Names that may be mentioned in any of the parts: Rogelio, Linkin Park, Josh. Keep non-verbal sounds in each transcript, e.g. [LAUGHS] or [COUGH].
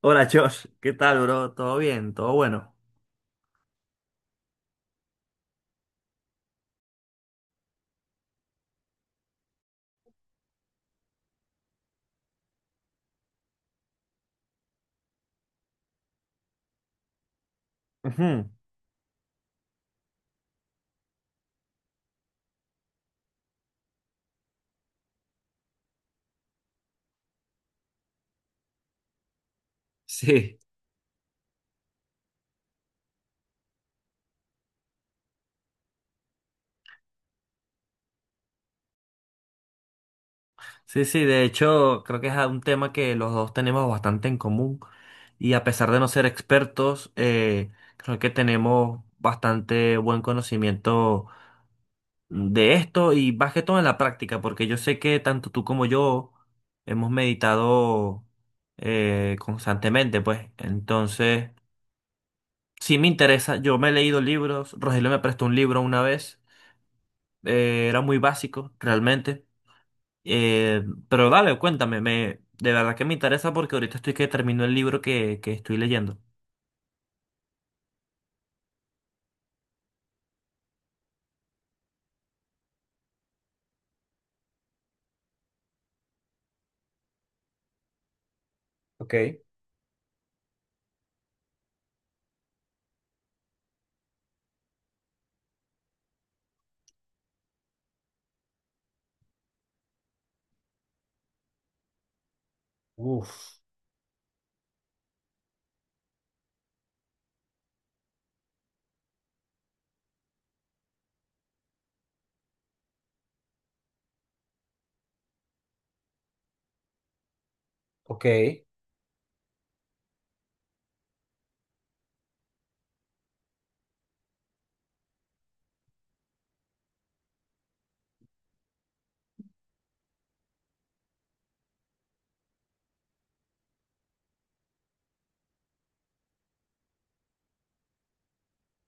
Hola Josh, ¿qué tal, bro? ¿Todo bien? ¿Todo bueno? Ujú. [LAUGHS] Sí, sí, de hecho creo que es un tema que los dos tenemos bastante en común y a pesar de no ser expertos, creo que tenemos bastante buen conocimiento de esto y más que todo en la práctica, porque yo sé que tanto tú como yo hemos meditado constantemente, pues entonces sí me interesa, yo me he leído libros, Rogelio me prestó un libro una vez. Era muy básico, realmente. Eh, pero dale, cuéntame, de verdad que me interesa porque ahorita estoy que termino el libro que estoy leyendo. Ok. Ok.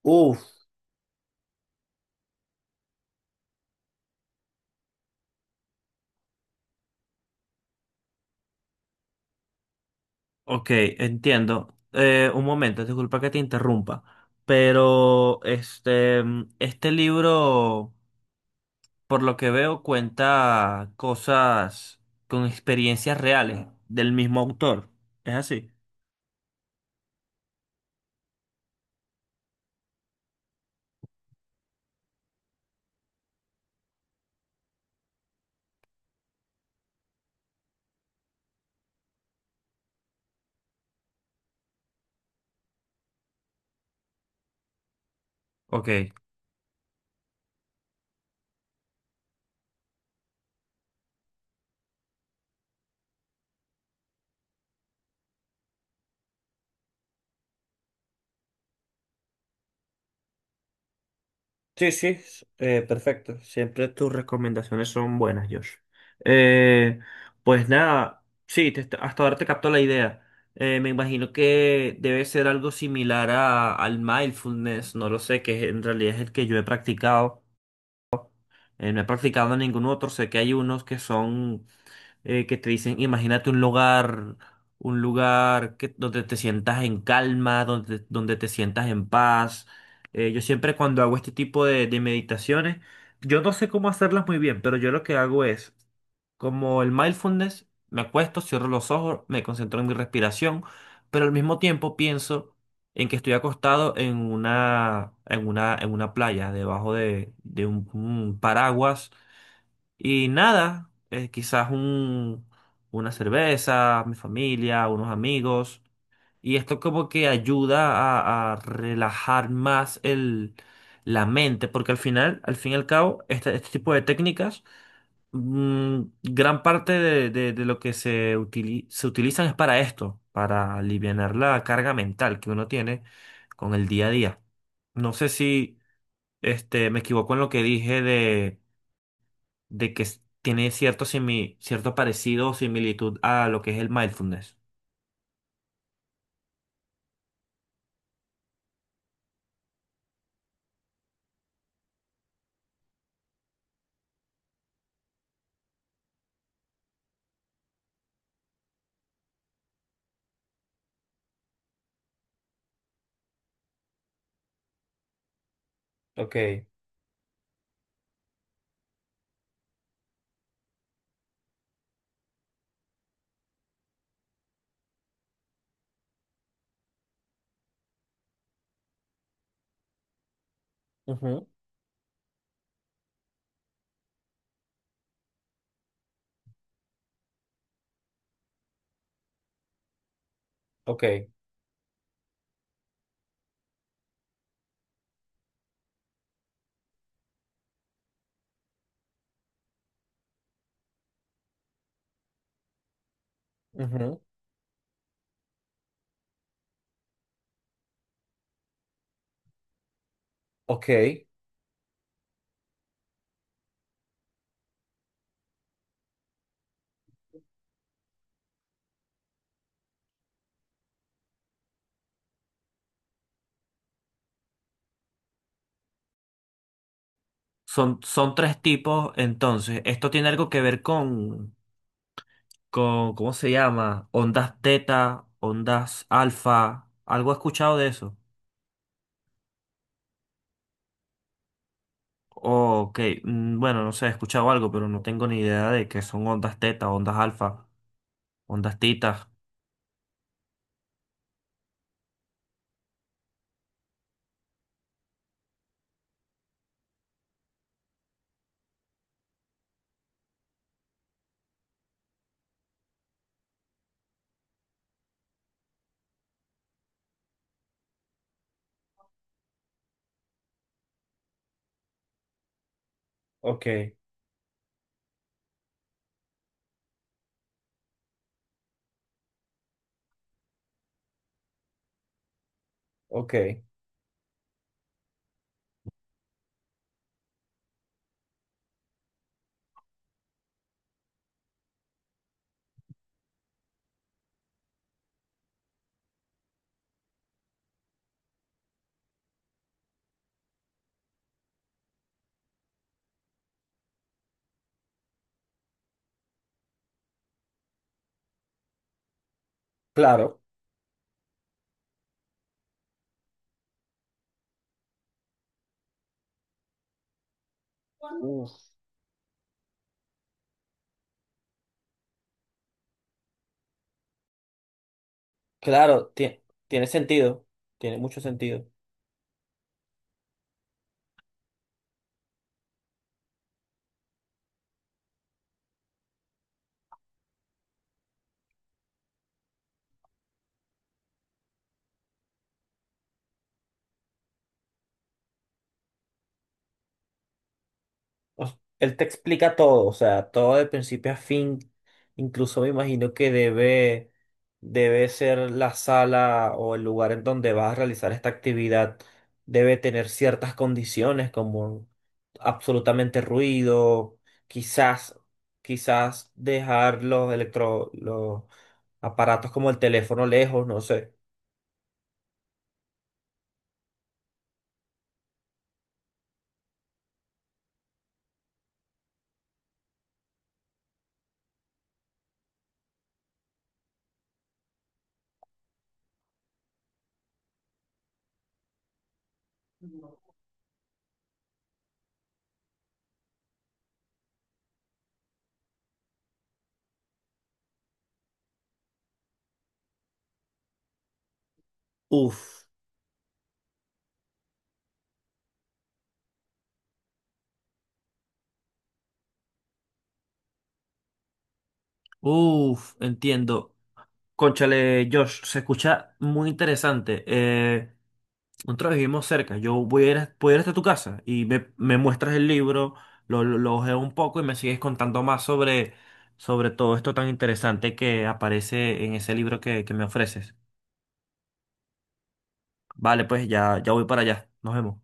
Uf. Ok, entiendo. Un momento, disculpa que te interrumpa, pero este libro, por lo que veo, cuenta cosas con experiencias reales del mismo autor. ¿Es así? Ok. Sí, sí, perfecto. Siempre tus recomendaciones son buenas, Josh. Eh, pues nada, sí, hasta ahora te capto la idea. Me imagino que debe ser algo similar al mindfulness, no lo sé, que en realidad es el que yo he practicado. No he practicado ningún otro, sé que hay unos que son que te dicen, imagínate un lugar donde te sientas en calma, donde te sientas en paz. Yo siempre cuando hago este tipo de meditaciones, yo no sé cómo hacerlas muy bien, pero yo lo que hago es, como el mindfulness, me acuesto, cierro los ojos, me concentro en mi respiración, pero al mismo tiempo pienso en que estoy acostado en una playa, debajo de un paraguas y nada, quizás un, una cerveza, mi familia, unos amigos. Y esto como que ayuda a relajar más la mente, porque al final, al fin y al cabo, este tipo de técnicas, gran parte de lo que se utilizan es para esto, para alivianar la carga mental que uno tiene con el día a día. No sé si me equivoco en lo que dije de que tiene cierto parecido o similitud a lo que es el mindfulness. Ok, ujú, ok, ujú, ok. Son, son tres tipos, entonces, esto tiene algo que ver con, ¿cómo se llama? Ondas teta, ondas alfa, algo he escuchado de eso. Ok, mm, bueno, no sé, he escuchado algo, pero no tengo ni idea de qué son ondas teta, ondas alfa, ondas tita. Ok, ok, claro. Claro, tiene sentido, tiene mucho sentido. Él te explica todo, o sea, todo de principio a fin. Incluso me imagino que debe ser la sala o el lugar en donde vas a realizar esta actividad. Debe tener ciertas condiciones como absolutamente ruido, quizás, quizás dejar los aparatos como el teléfono lejos, no sé. Uf, uf, entiendo. Cónchale, Josh, se escucha muy interesante. Nosotros vivimos cerca. Yo voy a ir, a- Voy a ir hasta tu casa y me muestras el libro, lo ojeo un poco y me sigues contando más sobre todo esto tan interesante que aparece en ese libro que me ofreces. Vale, pues ya, ya voy para allá. Nos vemos.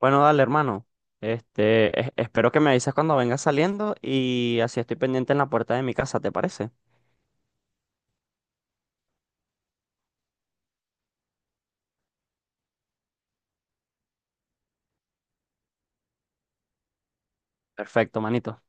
Bueno, dale, hermano. Espero que me avises cuando vengas saliendo y así estoy pendiente en la puerta de mi casa, ¿te parece? Perfecto, manito.